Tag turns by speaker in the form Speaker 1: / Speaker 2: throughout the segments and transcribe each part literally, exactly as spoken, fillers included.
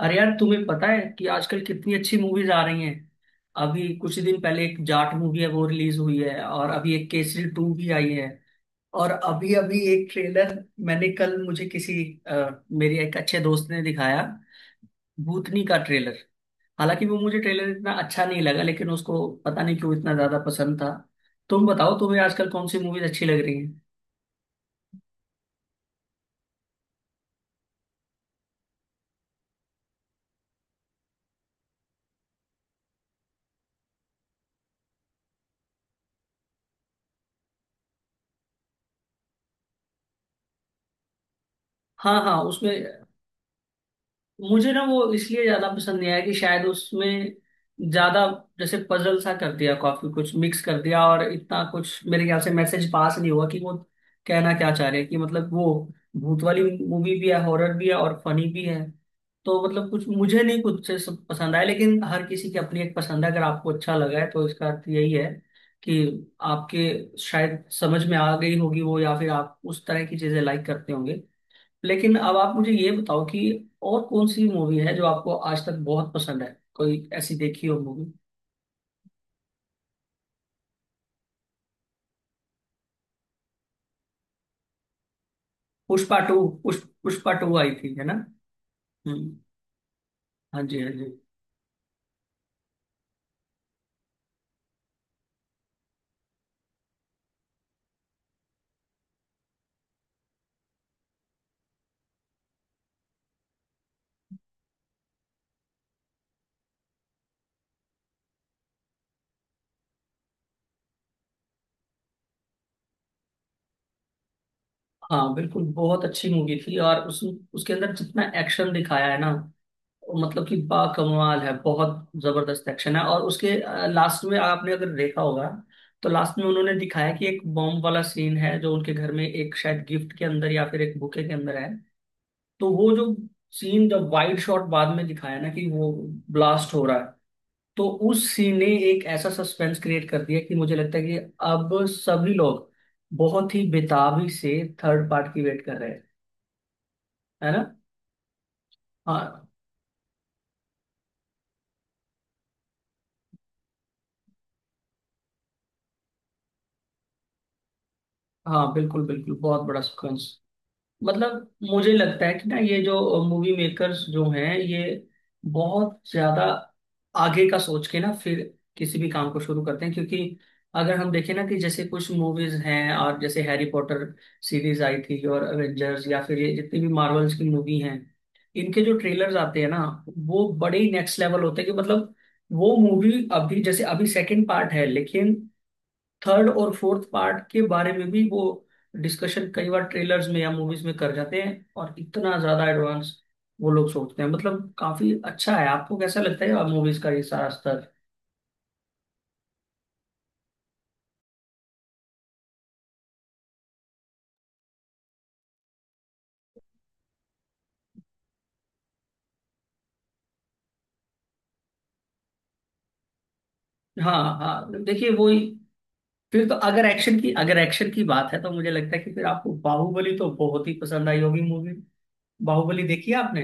Speaker 1: अरे यार, तुम्हें पता है कि आजकल कितनी अच्छी मूवीज आ रही हैं। अभी कुछ दिन पहले एक जाट मूवी है वो रिलीज हुई है, और अभी एक केसरी टू भी आई है। और अभी अभी एक ट्रेलर मैंने कल मुझे किसी, अ, मेरे एक अच्छे दोस्त ने दिखाया भूतनी का ट्रेलर। हालांकि वो मुझे ट्रेलर इतना अच्छा नहीं लगा, लेकिन उसको पता नहीं क्यों इतना ज्यादा पसंद था। तुम बताओ, तुम्हें आजकल कौन सी मूवीज अच्छी लग रही हैं? हाँ हाँ, उसमें मुझे ना वो इसलिए ज्यादा पसंद नहीं आया कि शायद उसमें ज्यादा जैसे पजल सा कर दिया, काफी कुछ मिक्स कर दिया, और इतना कुछ मेरे ख्याल से मैसेज पास नहीं हुआ कि वो कहना क्या चाह रहे हैं, कि मतलब वो भूत वाली मूवी भी है, हॉरर भी है, और फनी भी है। तो मतलब कुछ मुझे नहीं, कुछ से सब पसंद आया, लेकिन हर किसी की अपनी एक पसंद है। अगर आपको अच्छा लगा है तो इसका अर्थ यही है कि आपके शायद समझ में आ गई होगी वो, या फिर आप उस तरह की चीजें लाइक करते होंगे। लेकिन अब आप मुझे ये बताओ कि और कौन सी मूवी है जो आपको आज तक बहुत पसंद है, कोई ऐसी देखी हो movie? Pushpa two. Pushpa Pushpa to आई थी, है ना? हम्म। हाँ जी, हाँ जी। हाँ बिल्कुल, बहुत अच्छी मूवी थी। और उस उसके अंदर जितना एक्शन दिखाया है ना, वो मतलब कि बाकमाल है, बहुत जबरदस्त एक्शन है। और उसके लास्ट में आपने अगर देखा होगा, तो लास्ट में उन्होंने दिखाया कि एक बॉम्ब वाला सीन है जो उनके घर में एक शायद गिफ्ट के अंदर या फिर एक बुके के अंदर है। तो वो जो सीन जब वाइड शॉट बाद में दिखाया ना कि वो ब्लास्ट हो रहा है, तो उस सीन ने एक ऐसा सस्पेंस क्रिएट कर दिया कि मुझे लगता है कि अब सभी लोग बहुत ही बेताबी से थर्ड पार्ट की वेट कर रहे हैं, है ना? हाँ हाँ, बिल्कुल बिल्कुल, बहुत बड़ा सस्पेंस। मतलब मुझे लगता है कि ना, ये जो मूवी मेकर्स जो हैं, ये बहुत ज्यादा आगे का सोच के ना फिर किसी भी काम को शुरू करते हैं। क्योंकि अगर हम देखें ना कि जैसे कुछ मूवीज हैं, और जैसे हैरी पॉटर सीरीज आई थी, और एवेंजर्स या फिर ये जितनी भी मार्वल्स की मूवी हैं, इनके जो ट्रेलर्स आते हैं ना, वो बड़े ही नेक्स्ट लेवल होते हैं। कि मतलब वो मूवी अभी जैसे अभी सेकंड पार्ट है, लेकिन थर्ड और फोर्थ पार्ट के बारे में भी वो डिस्कशन कई बार ट्रेलर्स में या मूवीज में कर जाते हैं, और इतना ज्यादा एडवांस वो लोग सोचते हैं। मतलब काफी अच्छा है। आपको कैसा लगता है मूवीज का ये सारा स्तर? हाँ हाँ, देखिए वही। फिर तो अगर एक्शन की अगर एक्शन की बात है तो मुझे लगता है कि फिर आपको बाहुबली तो बहुत ही पसंद आई होगी मूवी। बाहुबली देखी है आपने?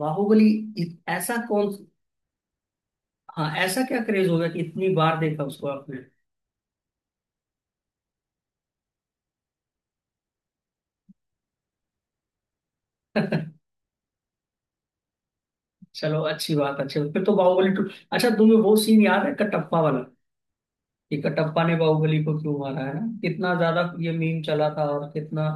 Speaker 1: बाहुबली इत- ऐसा कौन। हाँ, ऐसा क्या क्रेज हो गया कि इतनी बार देखा उसको आपने? चलो, अच्छी बात अच्छी बात। फिर तो बाहुबली टू, अच्छा तुम्हें वो सीन याद है कटप्पा वाला, कि कटप्पा ने बाहुबली को क्यों मारा? है ना, कितना ज्यादा ये मीम चला था, और कितना।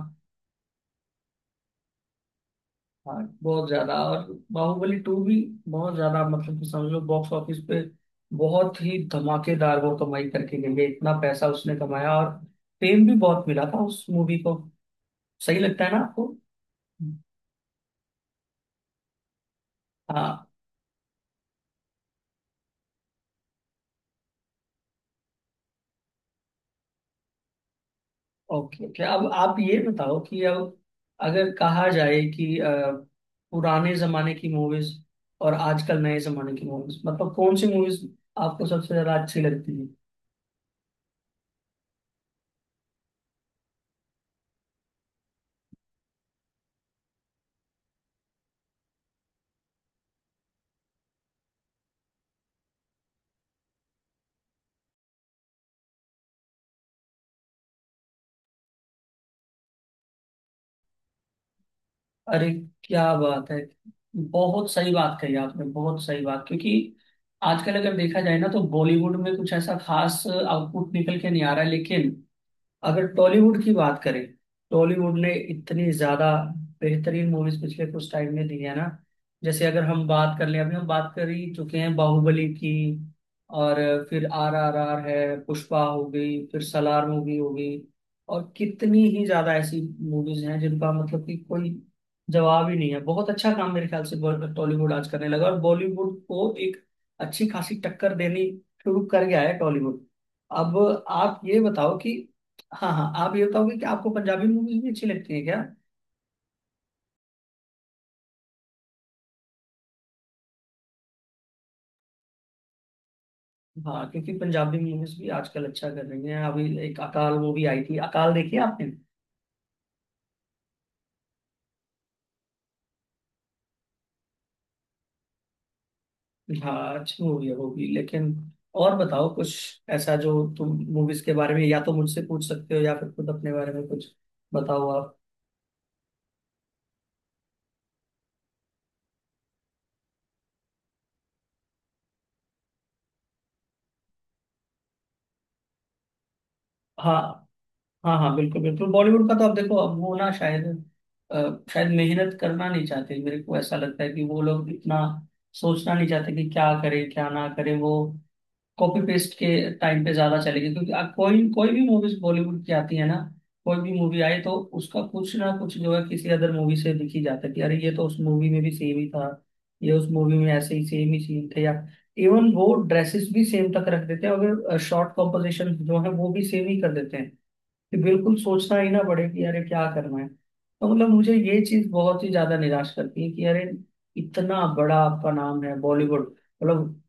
Speaker 1: हाँ, बहुत ज्यादा। और बाहुबली टू भी बहुत ज्यादा, मतलब कि समझो बॉक्स ऑफिस पे बहुत ही धमाकेदार वो कमाई करके गई है, इतना पैसा उसने कमाया। और फेम भी बहुत मिला था उस मूवी को। सही लगता है ना आपको? हाँ। ओके ओके, अब आप ये बताओ कि अब अगर कहा जाए कि अ, पुराने जमाने की मूवीज और आजकल नए जमाने की मूवीज, मतलब कौन सी मूवीज आपको सबसे ज्यादा अच्छी लगती है? अरे, क्या बात है, बहुत सही बात कही आपने, बहुत सही बात। क्योंकि आजकल अगर देखा जाए ना तो बॉलीवुड में कुछ ऐसा खास आउटपुट निकल के नहीं आ रहा है, लेकिन अगर टॉलीवुड की बात करें, टॉलीवुड ने इतनी ज्यादा बेहतरीन मूवीज पिछले कुछ टाइम में दी है ना। जैसे अगर हम बात कर लें, अभी हम बात कर ही चुके हैं बाहुबली की, और फिर आर आर आर है, पुष्पा हो गई, फिर सलार मूवी हो गई, और कितनी ही ज्यादा ऐसी मूवीज हैं जिनका मतलब कि कोई जवाब ही नहीं है। बहुत अच्छा काम मेरे ख्याल से टॉलीवुड आज करने लगा, और बॉलीवुड को एक अच्छी खासी टक्कर देनी शुरू कर गया है टॉलीवुड। अब आप ये बताओ कि, हाँ हाँ, आप ये बताओगे कि आपको पंजाबी मूवीज भी अच्छी लगती है क्या? हाँ, क्योंकि पंजाबी मूवीज भी आजकल अच्छा कर रही हैं। अभी एक अकाल वो भी आई थी, अकाल देखी है आपने? हाँ अच्छी मूवी है वो भी, लेकिन और बताओ कुछ ऐसा जो तुम मूवीज के बारे में या तो मुझसे पूछ सकते हो, या फिर खुद अपने बारे में कुछ बताओ आप। हाँ हाँ, हाँ बिल्कुल बिल्कुल, बॉलीवुड का तो अब देखो अब वो ना शायद, अ, शायद मेहनत करना नहीं चाहते। मेरे को ऐसा लगता है कि वो लोग इतना सोचना नहीं चाहते कि क्या करें क्या ना करें। वो कॉपी पेस्ट के टाइम पे ज्यादा चलेगी, क्योंकि आप कोई कोई भी मूवीज बॉलीवुड की आती है ना, कोई भी मूवी आई तो उसका कुछ ना कुछ जो है किसी अदर मूवी से दिखी जाता है कि अरे, ये तो उस मूवी में भी सेम ही था, ये उस मूवी में ऐसे ही सेम ही सीन थे, या इवन वो ड्रेसेस भी सेम तक रख देते हैं। अगर शॉर्ट कॉम्पोजिशन जो है वो भी सेम ही कर देते हैं, कि बिल्कुल सोचना ही ना पड़े कि अरे क्या करना है। तो मतलब मुझे ये चीज बहुत ही ज्यादा निराश करती है कि अरे, इतना बड़ा आपका नाम है बॉलीवुड, मतलब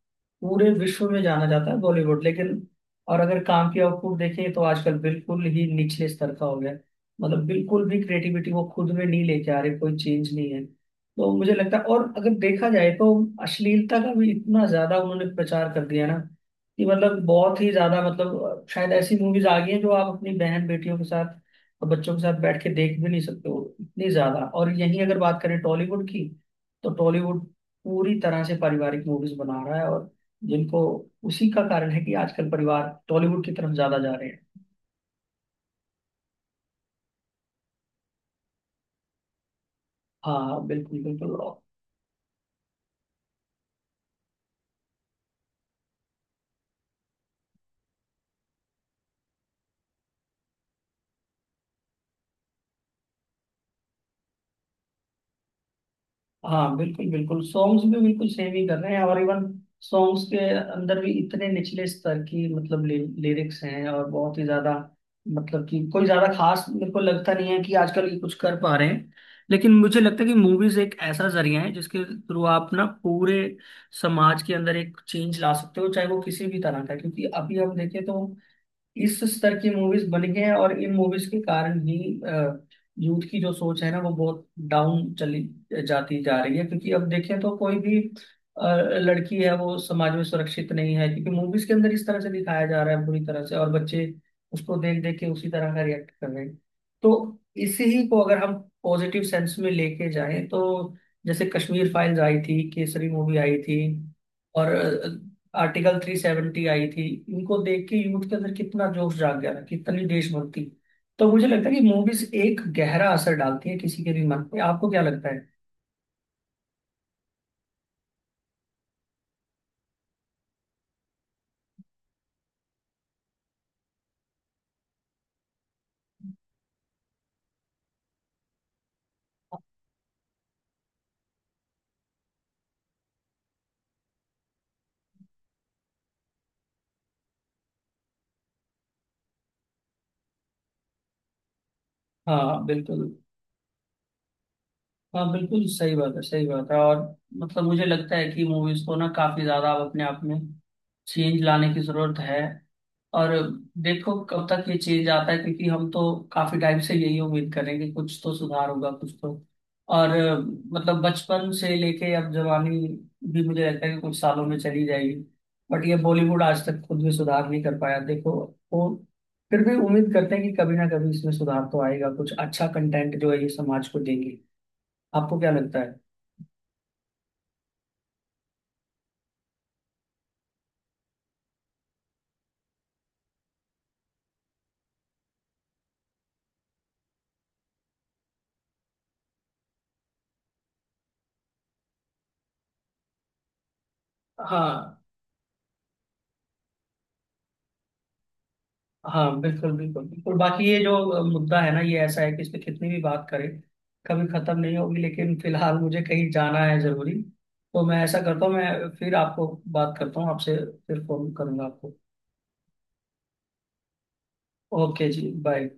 Speaker 1: पूरे विश्व में जाना जाता है बॉलीवुड, लेकिन और अगर काम की आउटपुट देखें तो आजकल बिल्कुल ही निचले स्तर का हो गया है। मतलब बिल्कुल भी क्रिएटिविटी वो खुद में नहीं लेके आ रहे, कोई चेंज नहीं है। तो मुझे लगता है, और अगर देखा जाए तो अश्लीलता का भी इतना ज्यादा उन्होंने प्रचार कर दिया ना, कि मतलब बहुत ही ज्यादा, मतलब शायद ऐसी मूवीज आ गई हैं जो आप अपनी बहन बेटियों के साथ और बच्चों के साथ बैठ के देख भी नहीं सकते हो, इतनी ज्यादा। और यहीं अगर बात करें टॉलीवुड की, तो टॉलीवुड पूरी तरह से पारिवारिक मूवीज बना रहा है, और जिनको, उसी का कारण है कि आजकल परिवार टॉलीवुड की तरफ ज्यादा जा रहे हैं। हाँ हाँ, बिल्कुल बिल्कुल। हाँ बिल्कुल बिल्कुल, सॉन्ग्स भी बिल्कुल सेम ही कर रहे हैं, और इवन सॉन्ग्स के अंदर भी इतने निचले स्तर की मतलब लिरिक्स हैं, और बहुत ही ज्यादा, मतलब कि कोई ज्यादा खास मेरे को लगता नहीं है कि आजकल ये कुछ कर पा रहे हैं। लेकिन मुझे लगता है कि मूवीज एक ऐसा जरिया है जिसके थ्रू आप ना पूरे समाज के अंदर एक चेंज ला सकते हो, चाहे वो किसी भी तरह का है। क्योंकि अभी हम देखें तो इस स्तर की मूवीज बन गई हैं, और इन मूवीज के कारण ही यूथ की जो सोच है ना वो बहुत डाउन चली जाती जा रही है। क्योंकि अब देखें तो कोई भी अ, लड़की है वो समाज में सुरक्षित नहीं है, क्योंकि मूवीज के अंदर इस तरह से दिखाया जा रहा है बुरी तरह से, और बच्चे उसको देख देख के उसी तरह का रिएक्ट कर रहे हैं। तो इसी ही को अगर हम पॉजिटिव सेंस में लेके जाएं, तो जैसे कश्मीर फाइल्स आई थी, केसरी मूवी आई थी, और आर्टिकल तीन सौ सत्तर आई थी, इनको देख के यूथ के अंदर कितना जोश जाग गया था, कितनी देशभक्ति। तो मुझे लगता है कि मूवीज एक गहरा असर डालती है किसी के भी मन पे। आपको क्या लगता है? हाँ बिल्कुल। हाँ बिल्कुल, सही बात है सही बात है। और मतलब मुझे लगता है कि मूवीज को ना काफी ज्यादा अब अपने आप में चेंज लाने की जरूरत है। और देखो कब तक ये चेंज आता है, क्योंकि हम तो काफी टाइम से यही उम्मीद कर रहे हैं कि कुछ तो सुधार होगा, कुछ तो। और अ, मतलब बचपन से लेके अब जवानी भी मुझे लगता है कि कुछ सालों में चली जाएगी, बट ये बॉलीवुड आज तक खुद भी सुधार नहीं कर पाया देखो। वो फिर भी उम्मीद करते हैं कि कभी ना कभी इसमें सुधार तो आएगा, कुछ अच्छा कंटेंट जो है ये समाज को देंगे। आपको क्या लगता है? हाँ हाँ, बिल्कुल बिल्कुल बिल्कुल। बाकी ये जो अ, मुद्दा है ना, ये ऐसा है कि इस पे कितनी भी बात करें कभी खत्म नहीं होगी, लेकिन फिलहाल मुझे कहीं जाना है जरूरी। तो मैं ऐसा करता हूँ, मैं फिर आपको बात करता हूँ आपसे, फिर फोन करूंगा आपको। ओके जी, बाय।